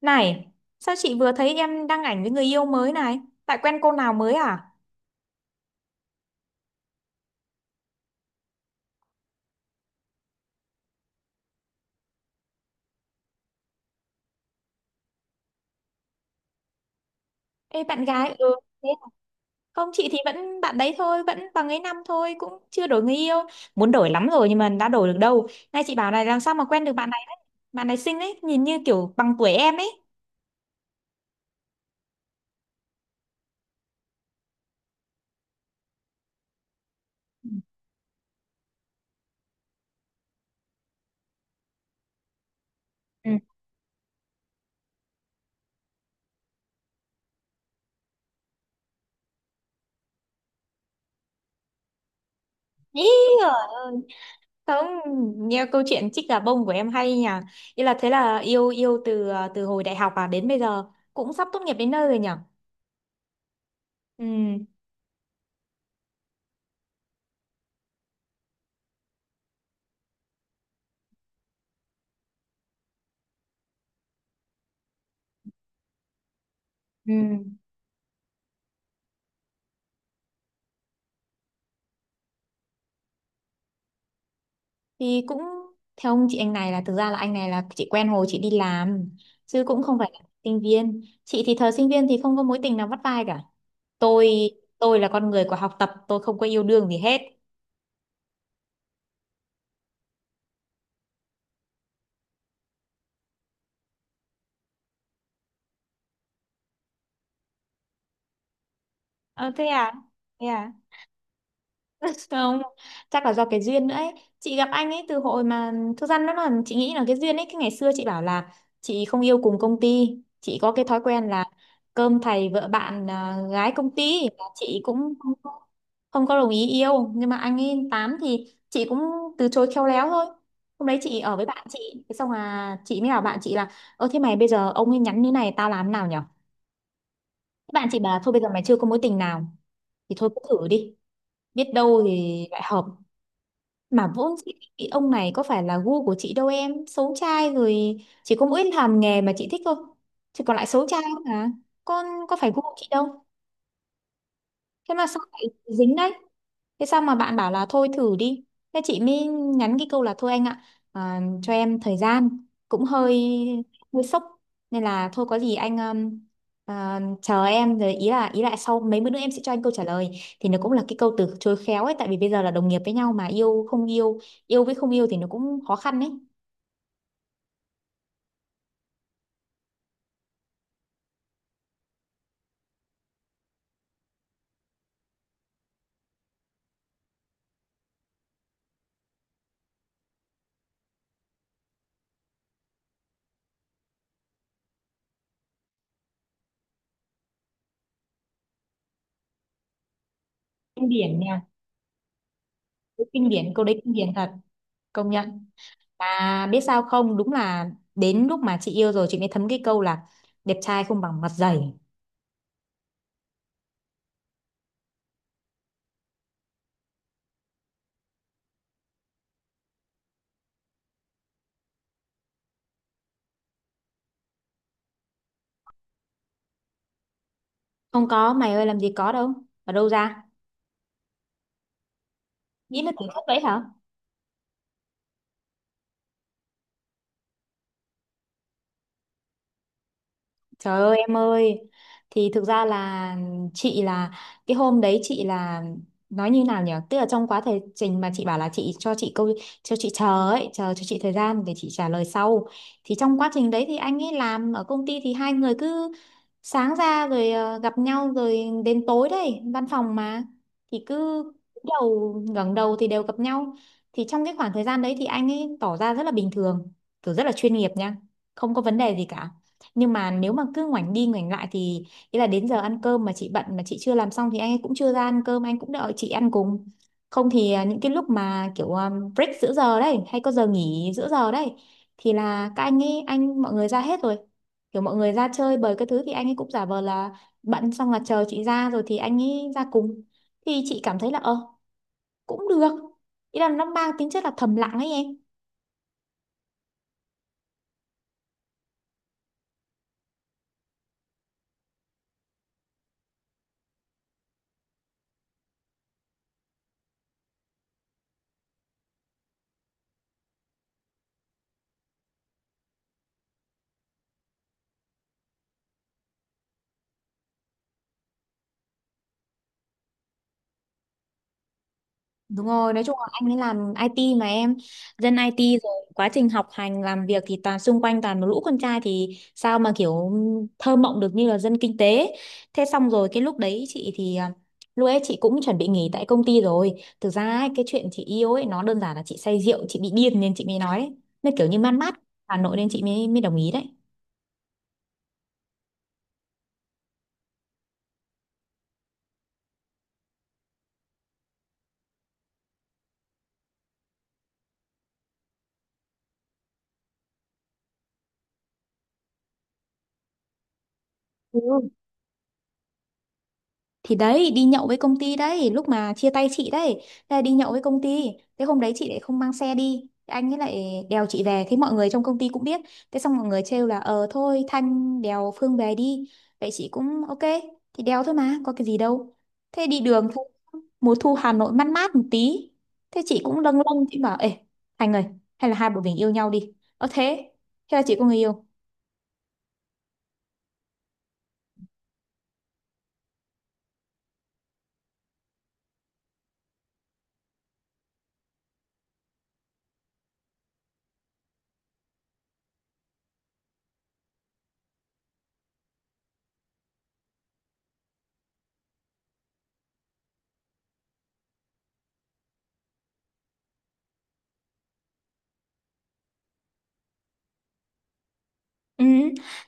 Này, sao chị vừa thấy em đăng ảnh với người yêu mới này? Tại quen cô nào mới à? Ê bạn gái, ừ, thế à? Không, chị thì vẫn bạn đấy thôi, vẫn bằng ấy năm thôi, cũng chưa đổi người yêu. Muốn đổi lắm rồi nhưng mà đã đổi được đâu. Nay chị bảo này làm sao mà quen được bạn này đấy. Bạn này xinh ấy, nhìn như kiểu bằng tuổi em ấy. Ừ. Ý giời ơi. Không, nghe câu chuyện chích gà bông của em hay nhỉ. Ý là thế là yêu yêu từ hồi đại học à đến bây giờ cũng sắp tốt nghiệp đến nơi rồi nhỉ. Ừ. Ừ. Thì cũng theo ông chị anh này là thực ra là anh này là chị quen hồi chị đi làm chứ cũng không phải là sinh viên. Chị thì thời sinh viên thì không có mối tình nào vắt vai cả. Tôi tôi là con người của học tập, tôi không có yêu đương gì hết. Ờ thế à? Thế à? Không, chắc là do cái duyên nữa ấy, chị gặp anh ấy từ hồi mà, thực ra nó là chị nghĩ là cái duyên ấy, cái ngày xưa chị bảo là chị không yêu cùng công ty, chị có cái thói quen là cơm thầy vợ bạn à, gái công ty là chị cũng không có đồng ý yêu, nhưng mà anh ấy tám thì chị cũng từ chối khéo léo thôi. Hôm đấy chị ở với bạn chị, thế xong là chị mới bảo bạn chị là, ơ thế mày bây giờ ông ấy nhắn như này tao làm thế nào nhở? Thế bạn chị bảo thôi bây giờ mày chưa có mối tình nào thì thôi cứ thử đi, biết đâu thì lại hợp, mà vốn dĩ cái ông này có phải là gu của chị đâu em. Xấu trai rồi. Chỉ có mỗi làm nghề mà chị thích thôi. Chứ còn lại xấu trai không à. Con có phải gu của chị đâu. Thế mà sao lại dính đấy? Thế sao mà bạn bảo là thôi thử đi? Thế chị mới nhắn cái câu là thôi anh ạ, cho em thời gian cũng hơi hơi sốc, nên là thôi có gì anh chờ em, rồi ý là sau mấy bữa nữa em sẽ cho anh câu trả lời, thì nó cũng là cái câu từ chối khéo ấy, tại vì bây giờ là đồng nghiệp với nhau mà yêu không yêu, yêu với không yêu thì nó cũng khó khăn ấy. Kinh điển nha, kinh điển câu đấy, kinh điển thật, công nhận. Mà biết sao không, đúng là đến lúc mà chị yêu rồi chị mới thấm cái câu là đẹp trai không bằng mặt dày. Không có, mày ơi làm gì có đâu. Ở đâu ra? Nghĩ là tưởng chất đấy hả? Trời ơi em ơi. Thì thực ra là chị là, cái hôm đấy chị là, nói như nào nhỉ, tức là trong quá thời trình mà chị bảo là chị cho chị câu, cho chị chờ ấy, chờ cho chị thời gian để chị trả lời sau, thì trong quá trình đấy thì anh ấy làm ở công ty, thì hai người cứ sáng ra rồi gặp nhau, rồi đến tối đấy, văn phòng mà, thì cứ cúi đầu ngẩng đầu thì đều gặp nhau. Thì trong cái khoảng thời gian đấy thì anh ấy tỏ ra rất là bình thường, kiểu rất là chuyên nghiệp nha, không có vấn đề gì cả, nhưng mà nếu mà cứ ngoảnh đi ngoảnh lại thì, ý là đến giờ ăn cơm mà chị bận mà chị chưa làm xong thì anh ấy cũng chưa ra ăn cơm, anh cũng đợi chị ăn cùng, không thì những cái lúc mà kiểu break giữa giờ đấy, hay có giờ nghỉ giữa giờ đấy thì là các anh ấy anh mọi người ra hết rồi, kiểu mọi người ra chơi bời cái thứ thì anh ấy cũng giả vờ là bận, xong là chờ chị ra rồi thì anh ấy ra cùng, thì chị cảm thấy là cũng được, ý là nó mang tính chất là thầm lặng ấy em. Đúng rồi, nói chung là anh ấy làm IT mà em, dân IT rồi quá trình học hành làm việc thì toàn xung quanh toàn một lũ con trai thì sao mà kiểu thơ mộng được như là dân kinh tế. Thế xong rồi cái lúc đấy lúc ấy chị cũng chuẩn bị nghỉ tại công ty rồi. Thực ra ấy, cái chuyện chị yêu ấy nó đơn giản là chị say rượu chị bị điên nên chị mới nói đấy. Nó kiểu như man mát Hà Nội nên chị mới mới đồng ý đấy. Ừ, thì đấy đi nhậu với công ty đấy, lúc mà chia tay chị đấy, thế là đi nhậu với công ty, thế hôm đấy chị lại không mang xe đi, thế anh ấy lại đèo chị về, thế mọi người trong công ty cũng biết, thế xong mọi người trêu là ờ thôi Thanh đèo Phương về đi, vậy chị cũng ok, thì đèo thôi mà có cái gì đâu, thế đi đường thu, mùa thu Hà Nội mát mát một tí, thế chị cũng lâng lâng, chị bảo ê Thành ơi, hay là hai bọn mình yêu nhau đi. Ờ thế Thế là chị có người yêu. Ừ,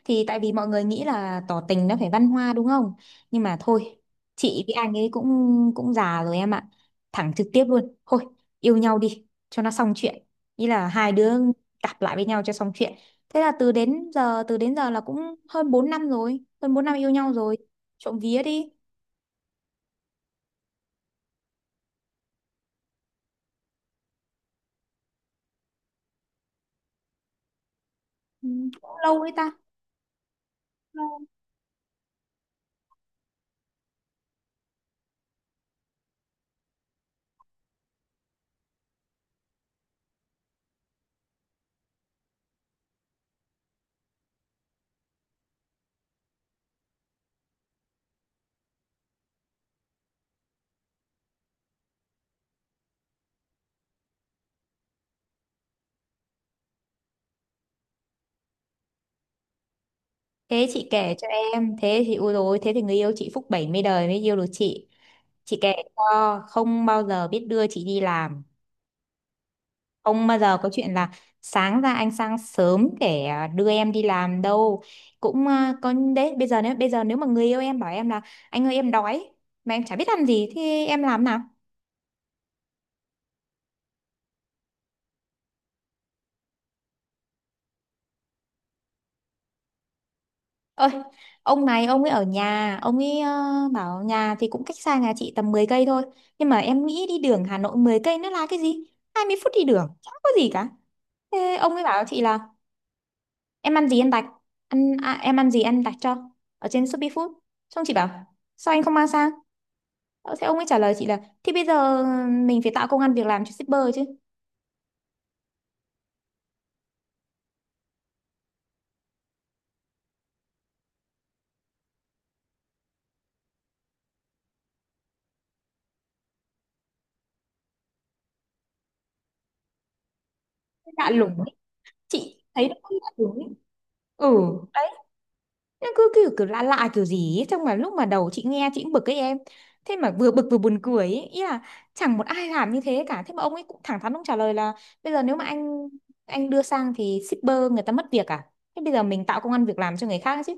thì tại vì mọi người nghĩ là tỏ tình nó phải văn hoa đúng không? Nhưng mà thôi, chị với anh ấy cũng cũng già rồi em ạ. Thẳng trực tiếp luôn. Thôi, yêu nhau đi cho nó xong chuyện. Ý là hai đứa cặp lại với nhau cho xong chuyện. Thế là từ đến giờ, là cũng hơn 4 năm rồi, hơn 4 năm yêu nhau rồi. Trộm vía đi. Ừ, cũng lâu đấy ta. Lâu. Thế chị kể cho em, thế thì ui rồi, thế thì người yêu chị phúc 70 đời mới yêu được chị. Chị kể cho, không bao giờ biết đưa chị đi làm. Không bao giờ có chuyện là sáng ra anh sang sớm để đưa em đi làm đâu. Có đấy, bây giờ nếu mà người yêu em bảo em là anh ơi em đói, mà em chả biết ăn gì thì em làm nào? Ơi, ông này ông ấy ở nhà, ông ấy bảo nhà thì cũng cách xa nhà chị tầm 10 cây thôi. Nhưng mà em nghĩ đi đường Hà Nội 10 cây nó là cái gì? 20 phút đi đường, chả có gì cả. Thế ông ấy bảo chị là em ăn gì ăn đặt, em ăn gì ăn đặt cho, ở trên Shopee Food. Xong chị bảo sao anh không mang sang? Thế ông ấy trả lời chị là, thì bây giờ mình phải tạo công ăn việc làm cho shipper chứ. Lạ lùng ấy. Chị thấy nó không lạ lùng ấy. Ừ. Đấy, nó cứ kiểu kiểu lạ lạ kiểu gì ấy. Trong mà lúc mà đầu chị nghe chị cũng bực ấy em, thế mà vừa bực vừa buồn cười ấy. Ý là chẳng một ai làm như thế cả, thế mà ông ấy cũng thẳng thắn ông trả lời là, bây giờ nếu mà anh đưa sang thì shipper người ta mất việc à, thế bây giờ mình tạo công ăn việc làm cho người khác chứ,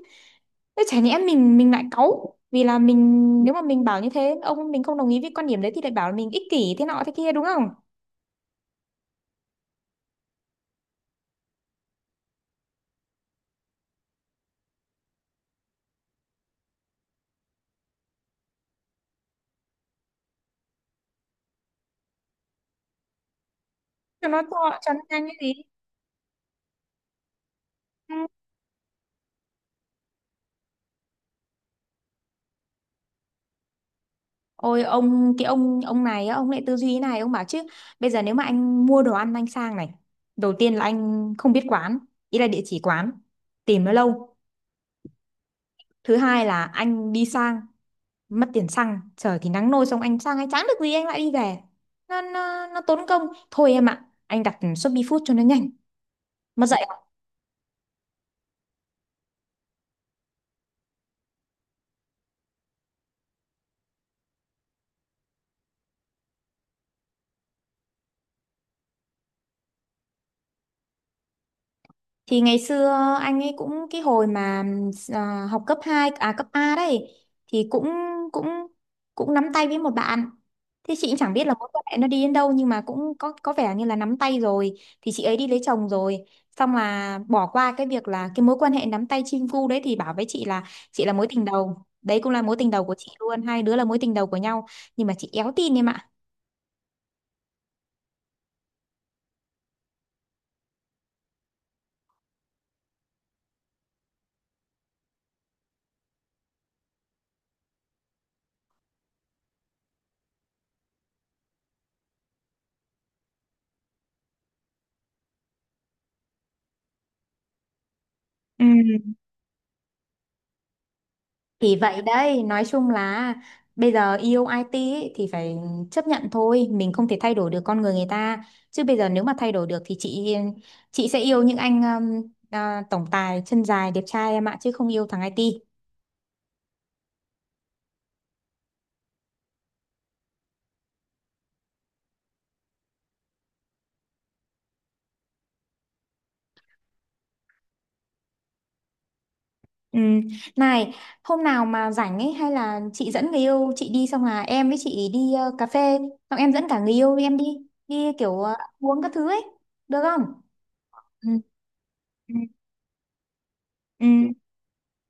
thế chả nhẽ mình lại cáu vì là mình, nếu mà mình bảo như thế ông mình không đồng ý với quan điểm đấy thì lại bảo là mình ích kỷ thế nọ thế kia đúng không. Cho nó to, cho nó nhanh cái gì. Ừ. Ôi ông cái ông này á, ông lại tư duy thế này, ông bảo chứ bây giờ nếu mà anh mua đồ ăn anh sang này, đầu tiên là anh không biết quán, ý là địa chỉ quán, tìm nó lâu, thứ hai là anh đi sang mất tiền xăng, trời thì nắng nôi, xong anh sang anh chẳng được gì anh lại đi về, nó tốn công, thôi em ạ anh đặt Shopee Food cho nó nhanh mà dậy. Thì ngày xưa anh ấy cũng cái hồi mà học cấp 2 à cấp A đấy thì cũng cũng cũng nắm tay với một bạn. Thế chị cũng chẳng biết là mối quan hệ nó đi đến đâu nhưng mà cũng có vẻ như là nắm tay rồi thì chị ấy đi lấy chồng rồi. Xong là bỏ qua cái việc là cái mối quan hệ nắm tay chim cu đấy thì bảo với chị là mối tình đầu. Đấy cũng là mối tình đầu của chị luôn, hai đứa là mối tình đầu của nhau, nhưng mà chị éo tin em ạ. Ừ. Thì vậy đấy, nói chung là bây giờ yêu IT ấy, thì phải chấp nhận thôi, mình không thể thay đổi được con người người ta. Chứ bây giờ nếu mà thay đổi được thì chị sẽ yêu những anh tổng tài chân dài đẹp trai em ạ, chứ không yêu thằng IT. Ừ. Này, hôm nào mà rảnh ấy hay là chị dẫn người yêu chị đi, xong là em với chị đi cà phê, xong em dẫn cả người yêu em đi, đi kiểu uống các thứ ấy, được không? Ừ. Ừ. Ừ.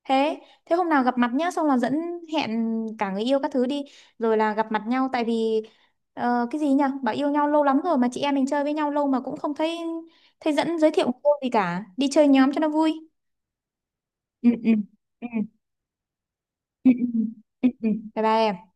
Thế hôm nào gặp mặt nhá, xong là dẫn, hẹn cả người yêu các thứ đi, rồi là gặp mặt nhau, tại vì cái gì nhỉ? Bảo yêu nhau lâu lắm rồi mà chị em mình chơi với nhau lâu mà cũng không thấy thấy dẫn giới thiệu cô gì cả. Đi chơi nhóm cho nó vui. Ừ, ừ. Ừ, ừ. Ừ, ừ. Ừ, ừ. Bye bye em.